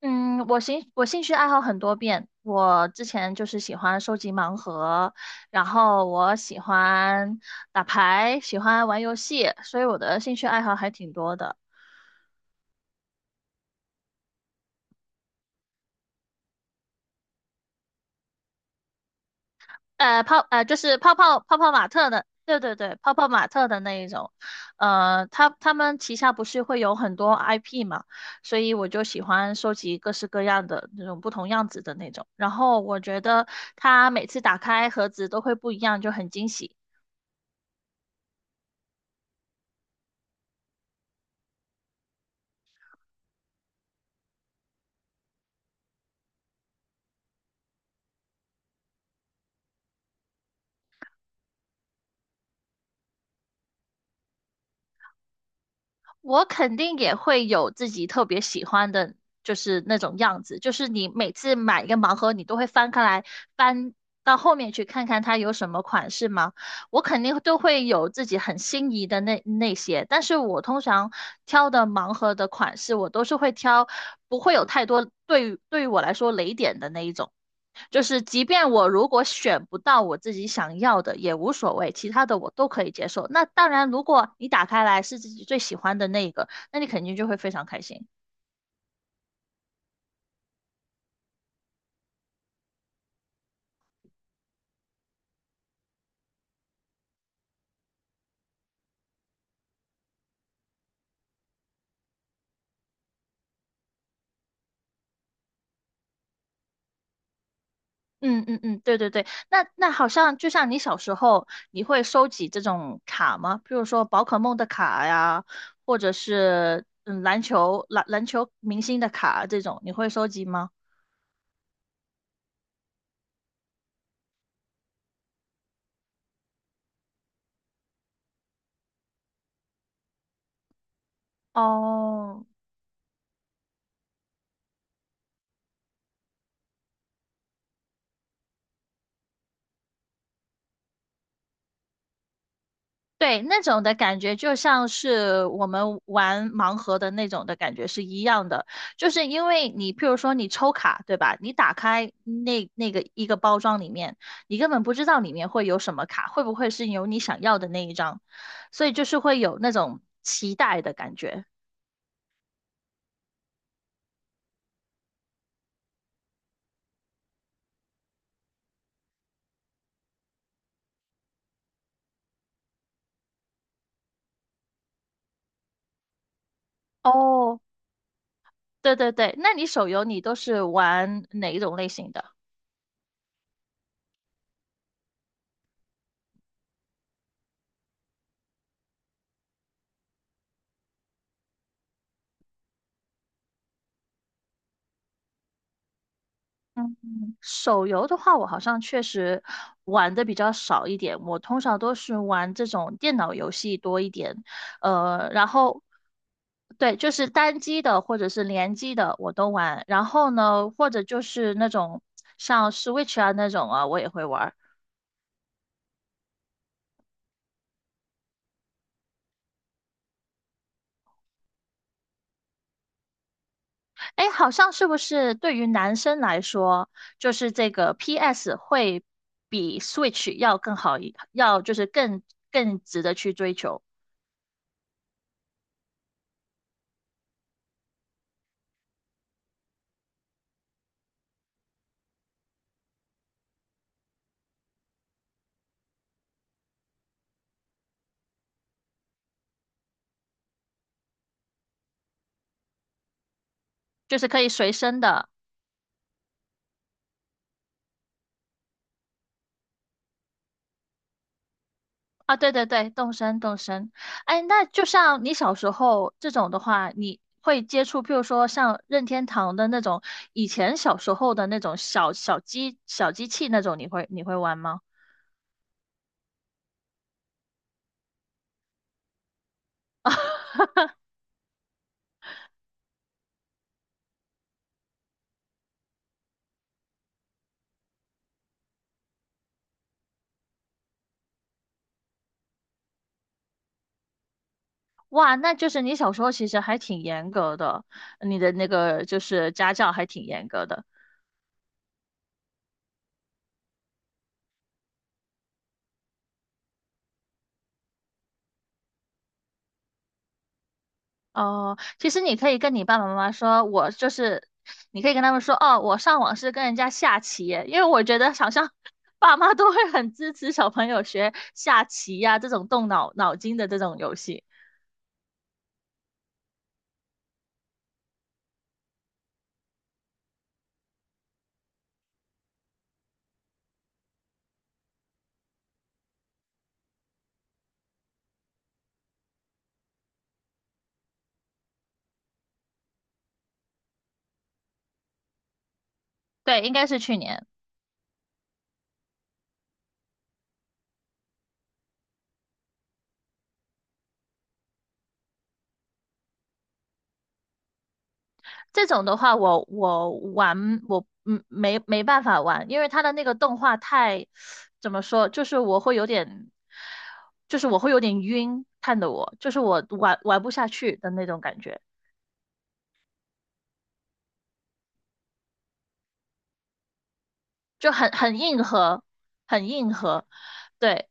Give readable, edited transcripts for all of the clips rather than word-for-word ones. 嗯，我兴趣爱好很多变。我之前就是喜欢收集盲盒，然后我喜欢打牌，喜欢玩游戏，所以我的兴趣爱好还挺多的。就是泡泡玛特的，对对对，泡泡玛特的那一种。他们旗下不是会有很多 IP 嘛，所以我就喜欢收集各式各样的那种不同样子的那种。然后我觉得它每次打开盒子都会不一样，就很惊喜。我肯定也会有自己特别喜欢的，就是那种样子。就是你每次买一个盲盒，你都会翻开来，翻到后面去看看它有什么款式吗？我肯定都会有自己很心仪的那些。但是我通常挑的盲盒的款式，我都是会挑不会有太多对于我来说雷点的那一种。就是即便我如果选不到我自己想要的也无所谓，其他的我都可以接受。那当然，如果你打开来是自己最喜欢的那一个，那你肯定就会非常开心。嗯嗯嗯，对对对，那好像就像你小时候，你会收集这种卡吗？比如说宝可梦的卡呀，或者是篮球明星的卡这种，你会收集吗？哦，对，那种的感觉就像是我们玩盲盒的那种的感觉是一样的，就是因为你，譬如说你抽卡，对吧？你打开那个一个包装里面，你根本不知道里面会有什么卡，会不会是有你想要的那一张，所以就是会有那种期待的感觉。哦，对对对，那你手游你都是玩哪一种类型的？嗯，手游的话，我好像确实玩的比较少一点。我通常都是玩这种电脑游戏多一点，然后对，就是单机的或者是联机的我都玩。然后呢，或者就是那种像 Switch 啊那种啊，我也会玩儿。哎，好像是不是对于男生来说，就是这个 PS 会比 Switch 要就是更值得去追求，就是可以随身的。啊，对对对，动身动身。哎，那就像你小时候这种的话，你会接触，譬如说像任天堂的那种，以前小时候的那种小小机小机器那种，你会玩吗？哇，那就是你小时候其实还挺严格的，你的那个就是家教还挺严格的。哦，其实你可以跟你爸爸妈妈说，我就是，你可以跟他们说，哦，我上网是跟人家下棋耶，因为我觉得好像 爸妈都会很支持小朋友学下棋呀、这种动脑筋的这种游戏。对，应该是去年。这种的话我，我玩我嗯没没办法玩，因为他的那个动画太怎么说，就是我会有点，就是我会有点晕，看得我就是我玩不下去的那种感觉。就很硬核，很硬核。对，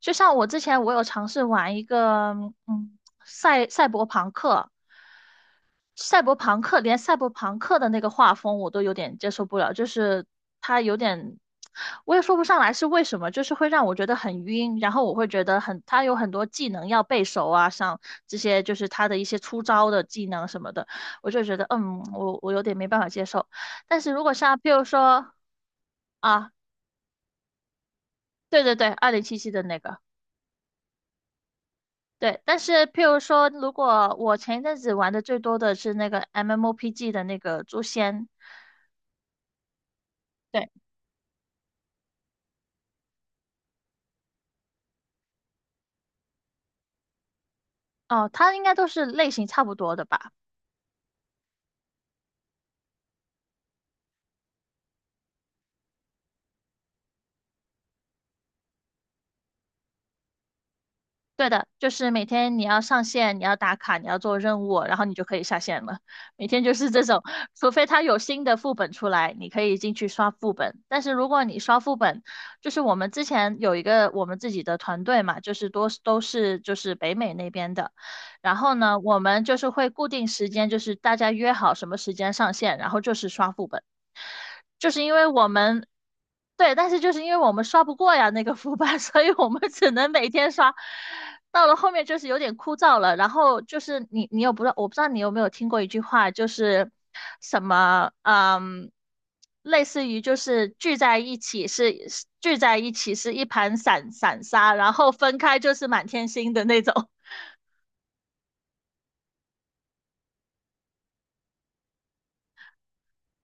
就像我之前我有尝试玩一个，嗯，赛赛博朋克，赛博朋克连赛博朋克的那个画风我都有点接受不了，就是它有点，我也说不上来是为什么，就是会让我觉得很晕，然后我会觉得很，它有很多技能要背熟啊，像这些就是它的一些出招的技能什么的，我就觉得嗯，我有点没办法接受。但是如果像譬如说。啊，对对对，二零七七的那个，对。但是譬如说，如果我前一阵子玩的最多的是那个 MMOPG 的那个《诛仙》，对，哦，它应该都是类型差不多的吧？对的，就是每天你要上线，你要打卡，你要做任务，然后你就可以下线了。每天就是这种，除非它有新的副本出来，你可以进去刷副本。但是如果你刷副本，就是我们之前有一个我们自己的团队嘛，就是多都是就是北美那边的。然后呢，我们就是会固定时间，就是大家约好什么时间上线，然后就是刷副本。就是因为我们对，但是就是因为我们刷不过呀那个副班，所以我们只能每天刷。到了后面就是有点枯燥了，然后就是你不知道，我不知道你有没有听过一句话，就是什么嗯，类似于就是聚在一起是一盘散沙，然后分开就是满天星的那种。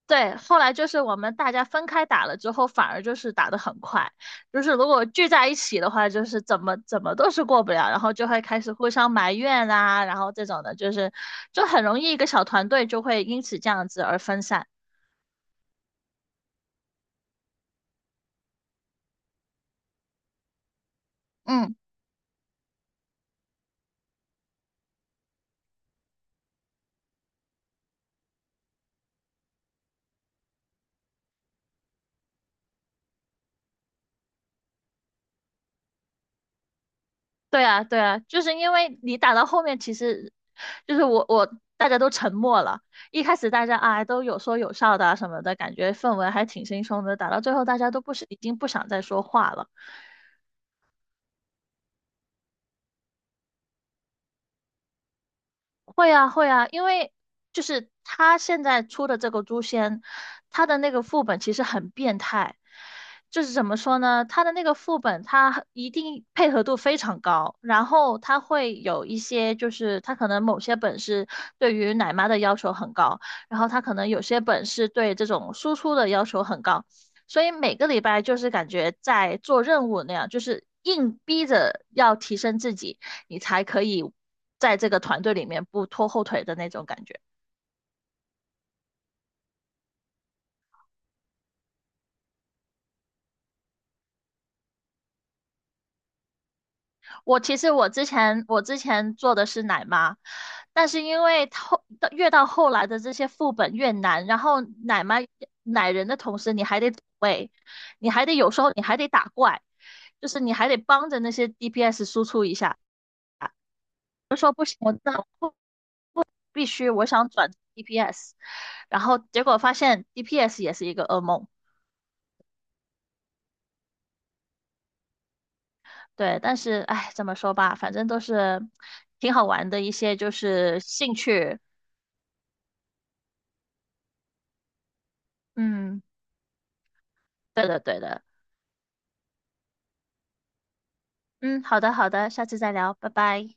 对，后来就是我们大家分开打了之后，反而就是打得很快。就是如果聚在一起的话，就是怎么都是过不了，然后就会开始互相埋怨啊，然后这种的，就是就很容易一个小团队就会因此这样子而分散。嗯，对啊，对啊，就是因为你打到后面，其实就是大家都沉默了，一开始大家啊都有说有笑的啊什么的，感觉氛围还挺轻松的，打到最后大家都不是已经不想再说话了。会啊，会啊，因为就是他现在出的这个诛仙，他的那个副本其实很变态，就是怎么说呢？他的那个副本，他一定配合度非常高，然后他会有一些，就是他可能某些本是对于奶妈的要求很高，然后他可能有些本是对这种输出的要求很高，所以每个礼拜就是感觉在做任务那样，就是硬逼着要提升自己。你才可以在这个团队里面不拖后腿的那种感觉。我其实我之前做的是奶妈，但是因为越到后来的这些副本越难，然后奶妈奶人的同时，你还得走位，你还得有时候你还得打怪，就是你还得帮着那些 DPS 输出一下。我那必须我想转 DPS，然后结果发现 DPS 也是一个噩梦。对，但是哎，怎么说吧，反正都是挺好玩的一些就是兴趣。嗯，对的对的。嗯，好的好的，下次再聊，拜拜。